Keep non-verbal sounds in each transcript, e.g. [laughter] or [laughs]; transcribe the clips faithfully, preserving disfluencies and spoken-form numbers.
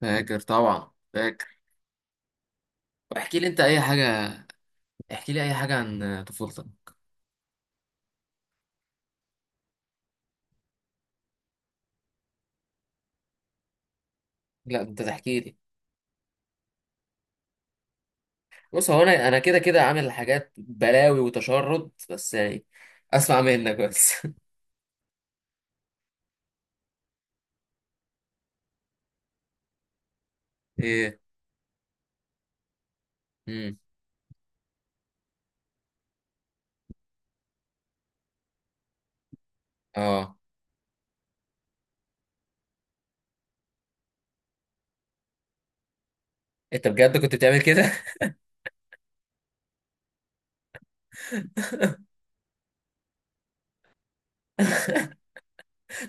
فاكر طبعا فاكر. واحكي لي انت اي حاجه، احكي لي اي حاجه عن طفولتك. لا، انت تحكي لي. بص، هو انا انا كده كده عامل حاجات بلاوي وتشرد، بس يعني اسمع منك بس. [laughs] ايه. امم. اه. انت بجد كنت بتعمل كده؟ [laughs]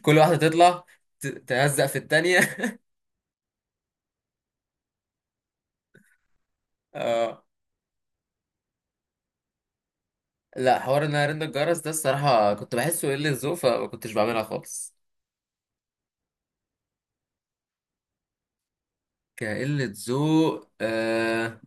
كل واحده تطلع ت- تهزق في التانية. [laughs] اه. لا، حوار ان انا رن الجرس ده الصراحه كنت بحسه قله ذوق، فما كنتش بعملها خالص. كقله ذوق، آه.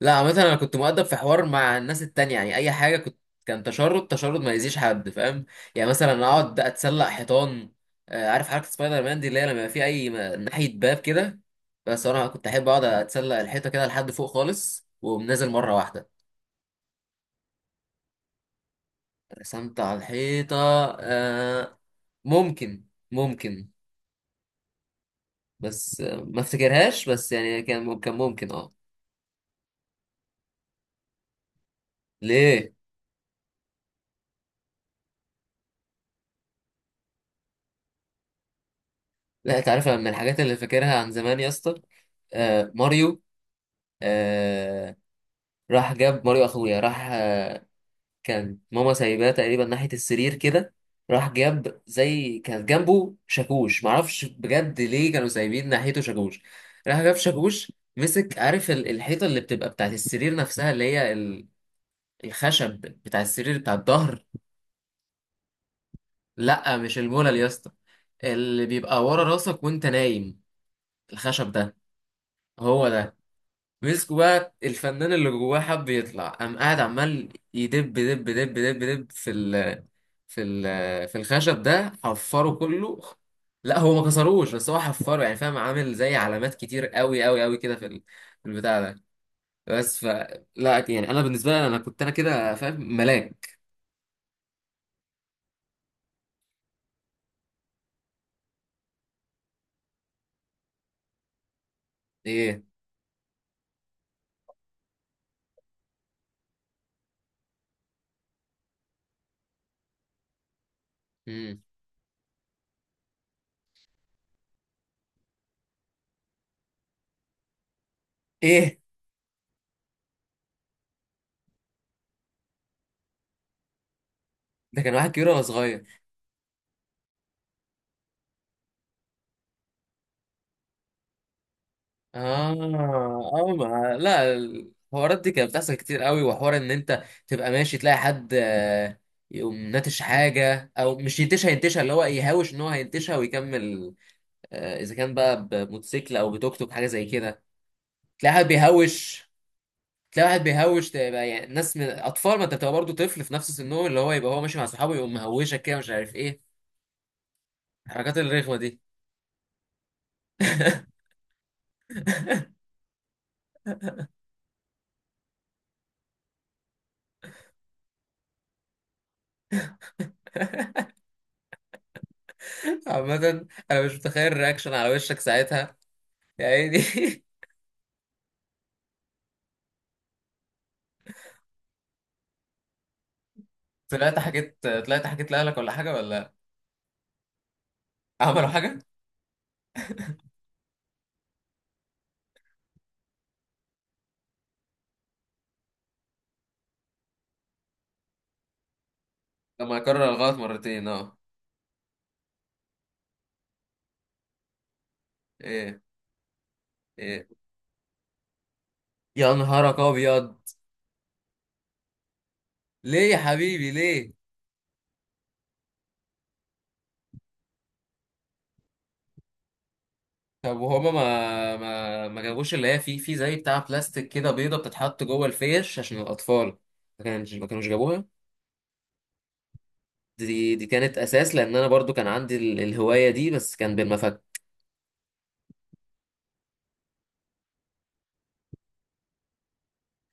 لا، مثلا انا كنت مؤدب في حوار مع الناس التانية يعني. اي حاجه كنت كان تشرد تشرد ما يأذيش حد، فاهم؟ يعني مثلا اقعد اتسلق حيطان. آه، عارف حركه سبايدر مان دي، اللي هي لما يبقى في اي م- ناحيه باب كده. بس انا كنت احب اقعد اتسلق الحيطه كده لحد فوق خالص، ومنزل مره واحده. رسمت على الحيطه، آه، ممكن. ممكن. بس آه، ما افتكرهاش، بس يعني كان كان ممكن، اه. ليه؟ لا، تعرف من الحاجات اللي فاكرها عن زمان يا اسطى، آه، ماريو. آه، راح جاب ماريو اخويا، راح، آه، كان ماما سايباه تقريبا ناحية السرير كده. راح جاب، زي كان جنبه شاكوش، معرفش بجد ليه كانوا سايبين ناحيته شاكوش. راح جاب شاكوش، مسك، عارف ال- الحيطة اللي بتبقى بتاعت السرير نفسها، اللي هي ال- الخشب بتاع السرير، بتاع الظهر. لا، مش المولل يا اسطى. اللي بيبقى ورا راسك وانت نايم، الخشب ده. هو ده. مسكوا بقى، الفنان اللي جواه حب يطلع، قام قاعد عمال يدب، دب دب دب دب في ال في ال في الخشب ده، حفره كله. لا، هو ما كسروش، بس هو حفره يعني، فاهم، عامل زي علامات كتير قوي قوي قوي كده في ال- في البتاع ده، بس ف. لا، يعني انا بالنسبه لي، انا كنت انا كده فاهم ملاك. ايه. مم. ايه، ده كان واحد كبير ولا صغير؟ اه، اه. ما، لا، الحوارات دي كانت بتحصل كتير قوي، وحوار ان انت تبقى ماشي تلاقي حد، آه، يقوم ناتش حاجه، او مش ينتشها، ينتشها اللي هو يهاوش ان هو هينتشها ويكمل. آه، اذا كان بقى بموتوسيكل، او بتوك توك، حاجه زي كده. تلاقي واحد بيهوش. تلاقي واحد بيهوش، تبقى يعني ناس من اطفال، ما انت بتبقى برضه طفل في نفس سنهم، اللي هو يبقى هو ماشي مع صحابه يقوم مهوشك كده مش عارف ايه، الحركات الرخمه دي. [laughs] عامة، أنا مش متخيل الرياكشن على وشك ساعتها، يا عيني. [laughs] طلعت حكيت طلعت حكيت لأهلك، ولا حاجة، ولا؟ [laughs] عملوا حاجة؟ لما أكرر الغلط مرتين، اه. ايه. ايه، يا نهارك أبيض. ليه يا حبيبي، ليه؟ طب، وهما ما ما ما جابوش اللي هي، في، في، زي بتاع بلاستيك كده، بيضة بتتحط جوه الفيش عشان الأطفال؟ ما كانش ما كانوش جابوها؟ دي دي كانت أساس، لأن أنا برضو كان عندي ال- الهواية دي، بس كان بالمفك.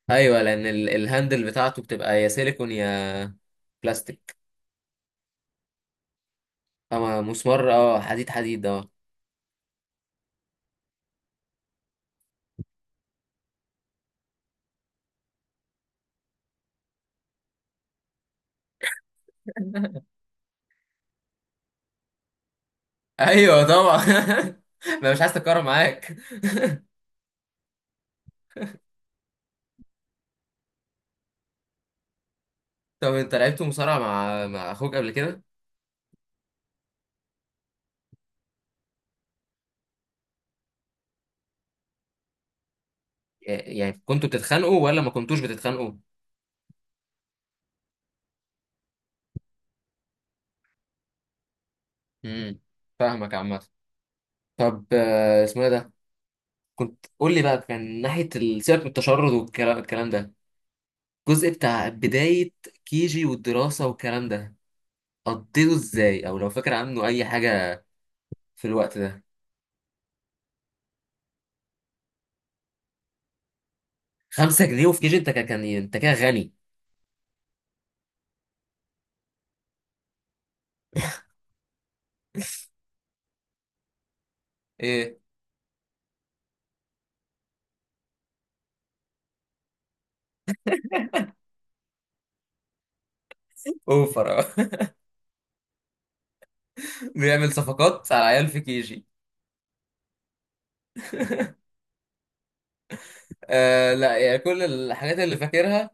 أيوة، لأن ال- الهاندل بتاعته بتبقى يا سيليكون، يا بلاستيك. أما مسمار، اه، حديد حديد، اه. ايوه طبعا. [laughs] ما مش عايز تتكرر معاك. طب انت لعبت مصارعه مع مع اخوك قبل كده؟ يعني كنتوا بتتخانقوا، ولا ما كنتوش بتتخانقوا؟ امم. فاهمك عامه. طب، آه، اسمه ايه ده، كنت قول لي بقى، كان ناحيه ال- سيبك من التشرد والكلام، الكلام ده، الجزء بتاع بدايه كيجي والدراسه والكلام ده، قضيته ازاي، او لو فاكر عنه اي حاجه في الوقت ده. خمسة جنيه؟ وفي كيجي انت كان، كان- ايه؟ انت كده غني. ايه؟ اوفر، [laughs] آه. بيعمل صفقات على عيال في كيجي. آه لا، يعني كل الحاجات اللي فاكرها،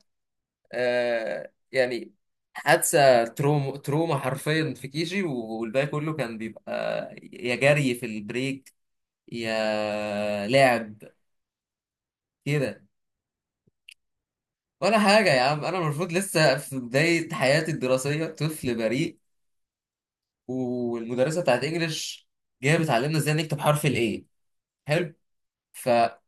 آه يعني حادثة تروما، تروما حرفيا، في كيجي، والباقي كله كان بيبقى يا جري في البريك، يا لعب كده. ولا حاجة يا عم، أنا المفروض لسه في بداية حياتي الدراسية، طفل بريء، والمدرسة بتاعت إنجلش جاية بتعلمنا إزاي نكتب حرف الإيه. حلو. فأنا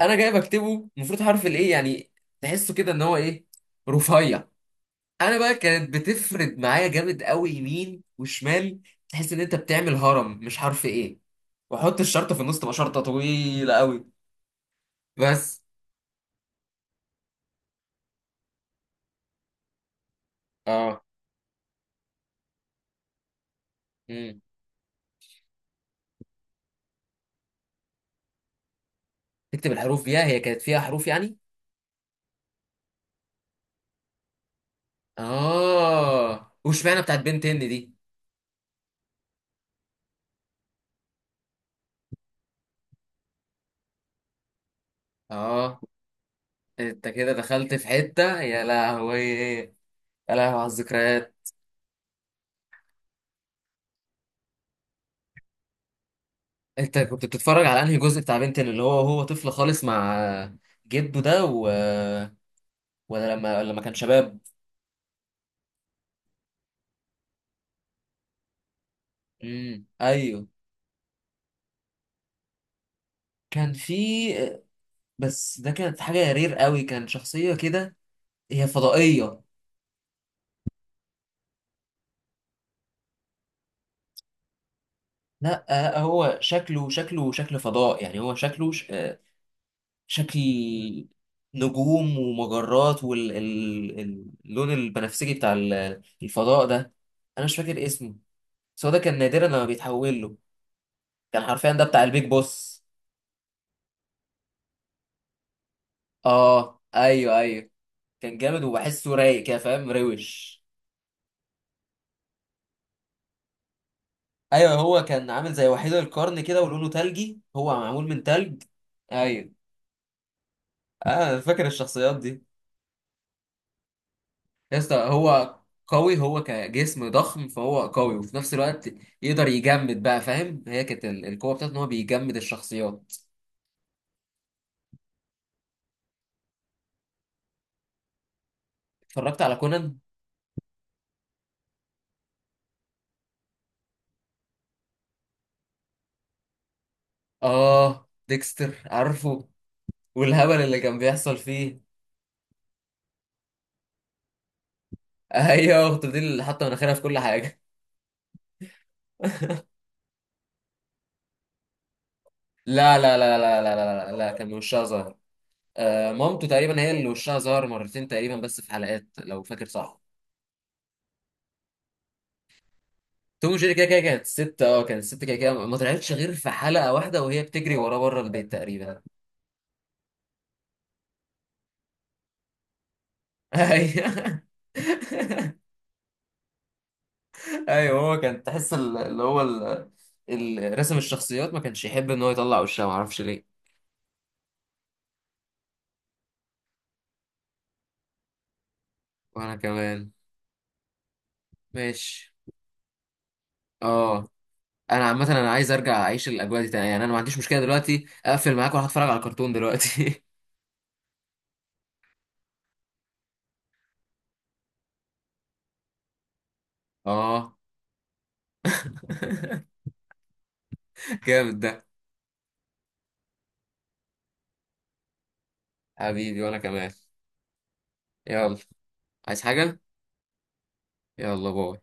جاي بكتبه، المفروض حرف الإيه يعني تحسه كده إن هو إيه، رفيع. انا بقى كانت بتفرد معايا جامد قوي، يمين وشمال. تحس ان انت بتعمل هرم، مش عارف ايه، واحط الشرطه في النص، تبقى شرطه طويله قوي. بس. اه. امم. تكتب الحروف فيها؟ هي كانت فيها حروف يعني؟ اه. وشمعنا بتاعت بنتين دي؟ اه، انت كده دخلت في حته، يا لهوي، يا لهوي على الذكريات. انت كنت بتتفرج على انهي جزء بتاع بنتين، اللي هو هو طفل خالص مع جده ده، و... ولا لما لما كان شباب؟ امم، ايوه. كان في، بس ده كانت حاجة رير قوي، كان شخصية كده، هي فضائية. لا، آه، هو شكله شكله شكل فضاء يعني، هو شكله ش- آه، شكل نجوم ومجرات، واللون البنفسجي بتاع ال- الفضاء ده. انا مش فاكر اسمه. بس هو ده كان نادرا لما بيتحول له. كان حرفيا ده بتاع البيج بوس. اه، ايوه، ايوه. كان جامد وبحسه رايق كده، فاهم، روش. ايوه، هو كان عامل زي وحيد القرن كده، ولونه تلجي، هو معمول من تلج. ايوه. آه، انا فاكر الشخصيات دي. يا اسطى، هو قوي، هو كجسم ضخم فهو قوي، وفي نفس الوقت يقدر يجمد بقى، فاهم، هي كانت ال- القوه بتاعته ان هو بيجمد الشخصيات. اتفرجت على كونان؟ اه، ديكستر عارفه، والهبل اللي كان بيحصل فيه. [laughs] ايوه، اخته دي اللي حاطه مناخيرها في كل حاجه. لا لا لا لا لا لا لا, لا. كان وشها ظاهر. آه، مامته تقريبا هي اللي وشها ظهر مرتين تقريبا، بس في حلقات، لو فاكر صح. توم وجيري كده كده كانت ست اه كانت ست كده كده ما طلعتش غير في حلقة واحدة، وهي بتجري وراه بره البيت تقريبا. [laughs] ايوه، ايوه. هو كان تحس ال- اللي هو ال- ال- رسم الشخصيات ما كانش يحب ان هو يطلع وشها، ما اعرفش ليه. وانا كمان. ماشي. اه. انا عامة، انا عايز ارجع اعيش الاجواء دي تاني، يعني انا ما عنديش مشكلة دلوقتي اقفل معاك واروح اتفرج على الكرتون دلوقتي. [laughs] اه. [laughs] جامد ده. حبيبي، وانا كمان. يلا، عايز حاجة؟ يلا، باي.